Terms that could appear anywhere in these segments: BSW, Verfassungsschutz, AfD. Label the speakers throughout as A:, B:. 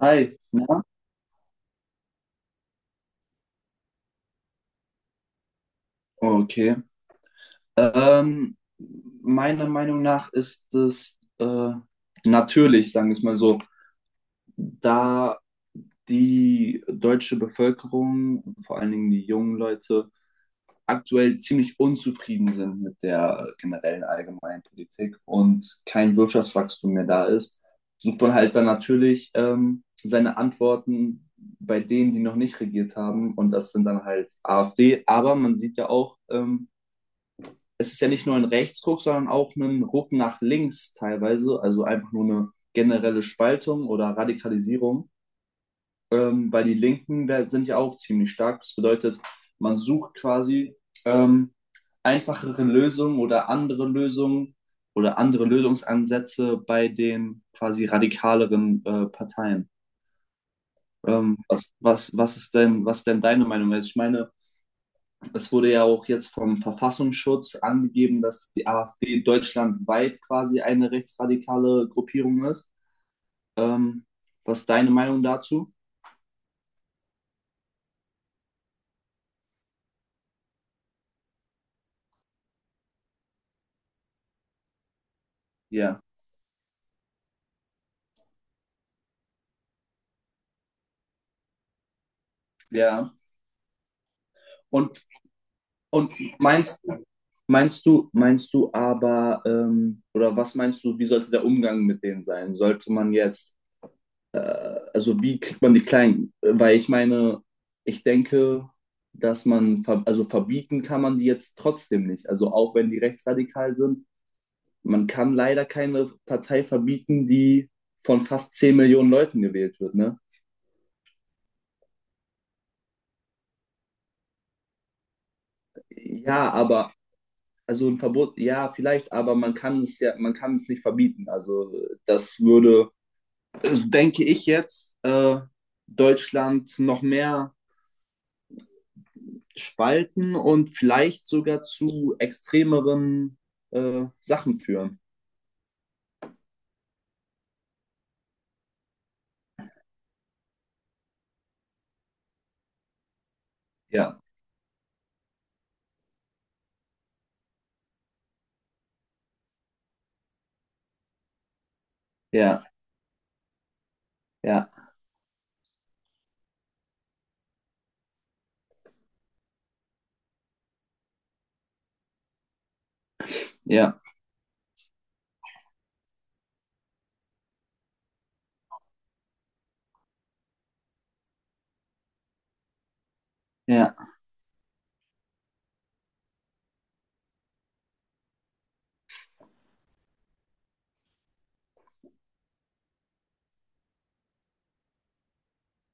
A: Hi, na? Okay. Ähm, Meiner Meinung nach ist es natürlich, sagen wir es mal so, da die deutsche Bevölkerung, vor allen Dingen die jungen Leute, aktuell ziemlich unzufrieden sind mit der generellen allgemeinen Politik und kein Wirtschaftswachstum mehr da ist, sucht man halt dann natürlich seine Antworten bei denen, die noch nicht regiert haben. Und das sind dann halt AfD. Aber man sieht ja auch, es ist ja nicht nur ein Rechtsruck, sondern auch ein Ruck nach links teilweise, also einfach nur eine generelle Spaltung oder Radikalisierung, weil die Linken sind ja auch ziemlich stark. Das bedeutet, man sucht quasi ähm, einfachere Lösungen oder andere Lösungsansätze bei den quasi radikaleren Parteien. Was ist denn deine Meinung? Also ich meine, es wurde ja auch jetzt vom Verfassungsschutz angegeben, dass die AfD deutschlandweit quasi eine rechtsradikale Gruppierung ist. Ähm, Was ist deine Meinung dazu? Ja, ja. Und, und meinst, meinst du aber, oder was meinst du, wie sollte der Umgang mit denen sein? Sollte man jetzt, äh, also wie kriegt man die Kleinen? Weil ich meine, ich denke, dass man, also verbieten kann man die jetzt trotzdem nicht. Also auch wenn die rechtsradikal sind, man kann leider keine Partei verbieten, die von fast 10 Millionen Leuten gewählt wird, ne? Ja, aber also ein Verbot, ja, vielleicht, aber man kann es nicht verbieten. Also das würde, also denke ich jetzt, Deutschland noch mehr spalten und vielleicht sogar zu extremeren Sachen führen. Ja, ja, ja, ja, ja,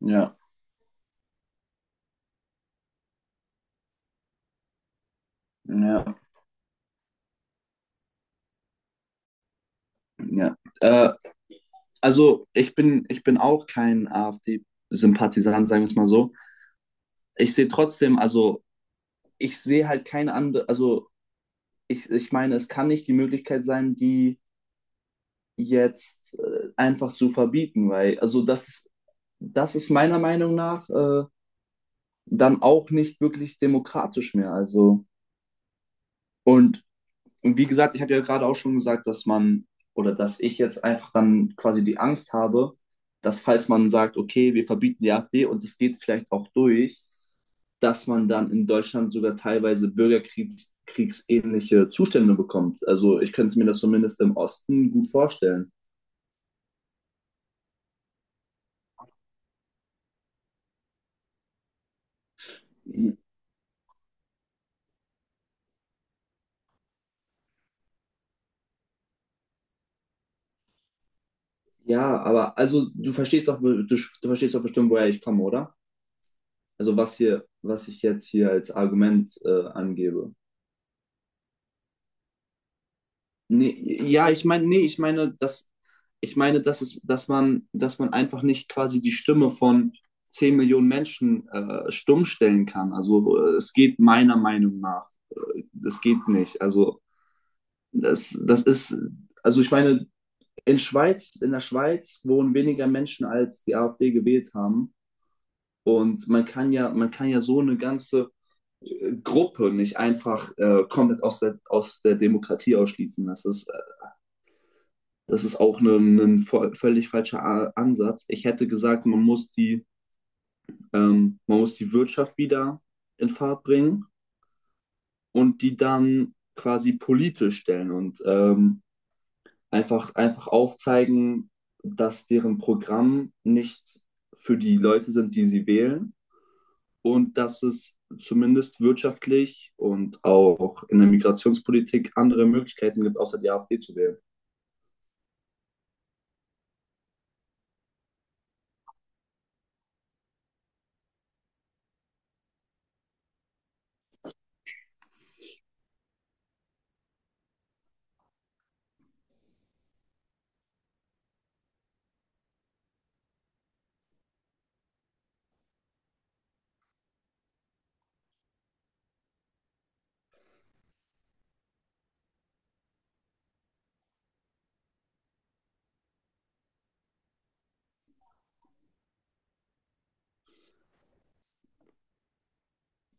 A: ja, ja, ja. Also ich bin auch kein AfD-Sympathisant, sagen wir es mal so. Ich sehe trotzdem, also ich sehe halt keine andere, also ich meine, es kann nicht die Möglichkeit sein, die jetzt einfach zu verbieten, weil, also das ist meiner Meinung nach dann auch nicht wirklich demokratisch mehr. Also, und Und wie gesagt, ich habe ja gerade auch schon gesagt, dass man oder dass ich jetzt einfach dann quasi die Angst habe, dass falls man sagt, okay, wir verbieten die AfD und es geht vielleicht auch durch, dass man dann in Deutschland sogar teilweise bürgerkriegsähnliche Zustände bekommt. Also ich könnte mir das zumindest im Osten gut vorstellen. Ja, aber also du verstehst doch, du verstehst doch bestimmt, woher ich komme, oder? Also was hier, was ich jetzt hier als Argument angebe. Nee, ja, ich meine, nee, ich meine, dass dass man einfach nicht quasi die Stimme von 10 Millionen Menschen stumm stellen kann. Also es geht meiner Meinung nach. Das geht nicht. Also das, das ist, also ich meine, in der Schweiz wohnen weniger Menschen, als die AfD gewählt haben. Und man kann ja so eine ganze Gruppe nicht einfach komplett aus der Demokratie ausschließen. Das ist das ist auch ein völlig falscher Ansatz. Ich hätte gesagt, man muss die Wirtschaft wieder in Fahrt bringen und die dann quasi politisch stellen und einfach aufzeigen, dass deren Programm nicht für die Leute sind, die sie wählen und dass es zumindest wirtschaftlich und auch in der Migrationspolitik andere Möglichkeiten gibt, außer die AfD zu wählen.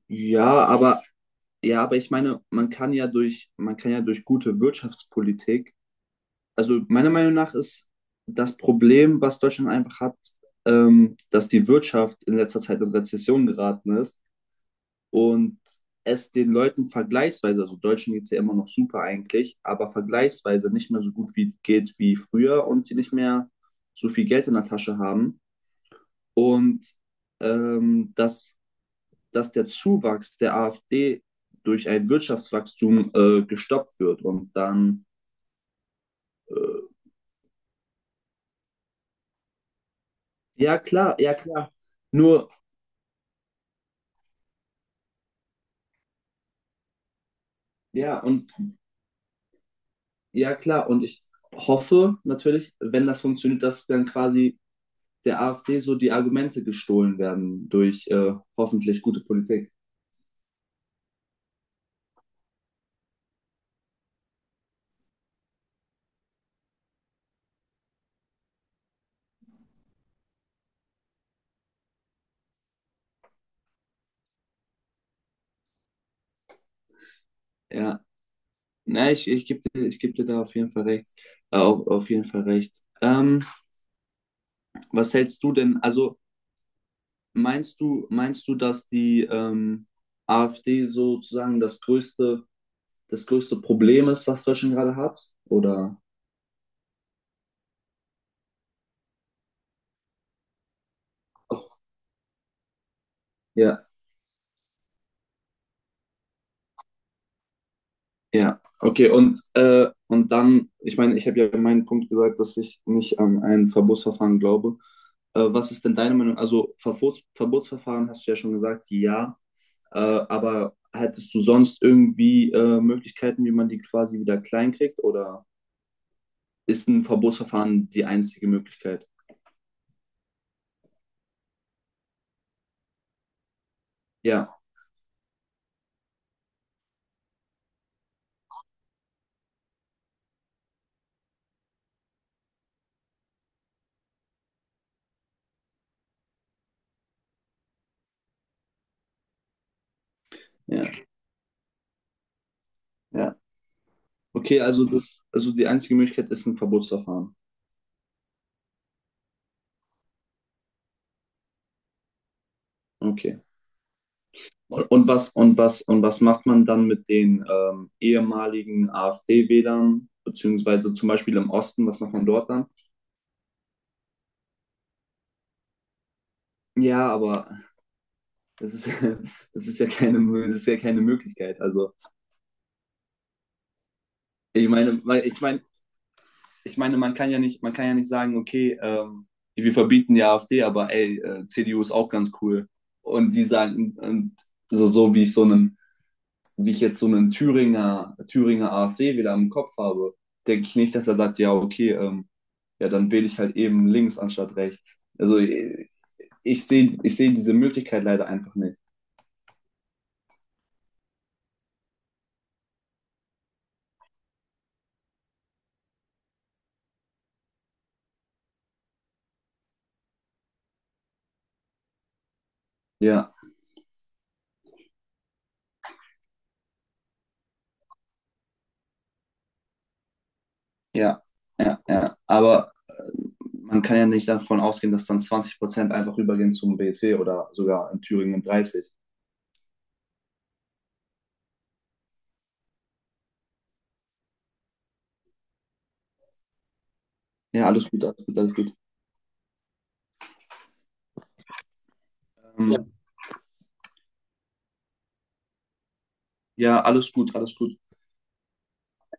A: Ja, aber Ja, aber ich meine, man kann ja durch gute Wirtschaftspolitik, also meiner Meinung nach ist das Problem, was Deutschland einfach hat, dass die Wirtschaft in letzter Zeit in Rezession geraten ist und es den Leuten vergleichsweise, also Deutschen geht es ja immer noch super eigentlich, aber vergleichsweise nicht mehr so gut wie geht wie früher und die nicht mehr so viel Geld in der Tasche haben. Und ähm, dass dass der Zuwachs der AfD durch ein Wirtschaftswachstum gestoppt wird. Und dann, ja klar, ja klar. Nur, ja, und ja klar, und ich hoffe natürlich, wenn das funktioniert, dass dann quasi der AfD so die Argumente gestohlen werden durch hoffentlich gute Politik. Ja, na, ich geb dir da auf jeden Fall recht. Auf jeden Fall recht. Was hältst du denn? Also, meinst du, dass die AfD sozusagen das größte Problem ist, was Deutschland gerade hat? Oder? Ach, ja, ja. Okay, und dann, ich meine, ich habe ja meinen Punkt gesagt, dass ich nicht an ein Verbotsverfahren glaube. Was ist denn deine Meinung? Also Verbotsverfahren hast du ja schon gesagt, ja. Aber hättest du sonst irgendwie Möglichkeiten, wie man die quasi wieder klein kriegt? Oder ist ein Verbotsverfahren die einzige Möglichkeit? Ja, ja. Ja. Okay, also das, also die einzige Möglichkeit ist ein Verbotsverfahren. Okay. Und was macht man dann mit den ehemaligen AfD-Wählern, beziehungsweise zum Beispiel im Osten, was macht man dort dann? Ja, aber das ist, das ist ja keine Möglichkeit. Also ich meine, ich meine, man kann ja nicht sagen, okay, wir verbieten die AfD, aber CDU ist auch ganz cool. Und die sagen, und so wie ich so einen wie ich jetzt so einen Thüringer AfD wieder im Kopf habe, denke ich nicht, dass er sagt, ja, okay, ja, dann wähle ich halt eben links anstatt rechts. Also ich sehe diese Möglichkeit leider einfach nicht. Ja, ja, ja, ja. Aber man kann ja nicht davon ausgehen, dass dann 20% einfach übergehen zum BSW oder sogar in Thüringen 30. Ja, alles gut, alles gut, alles gut. Ja. Ähm, ja, alles gut, alles gut.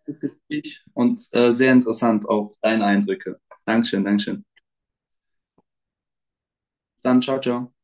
A: Das Gespräch und sehr interessant auch deine Eindrücke. Dankeschön, Dankeschön. Dann ciao, ciao.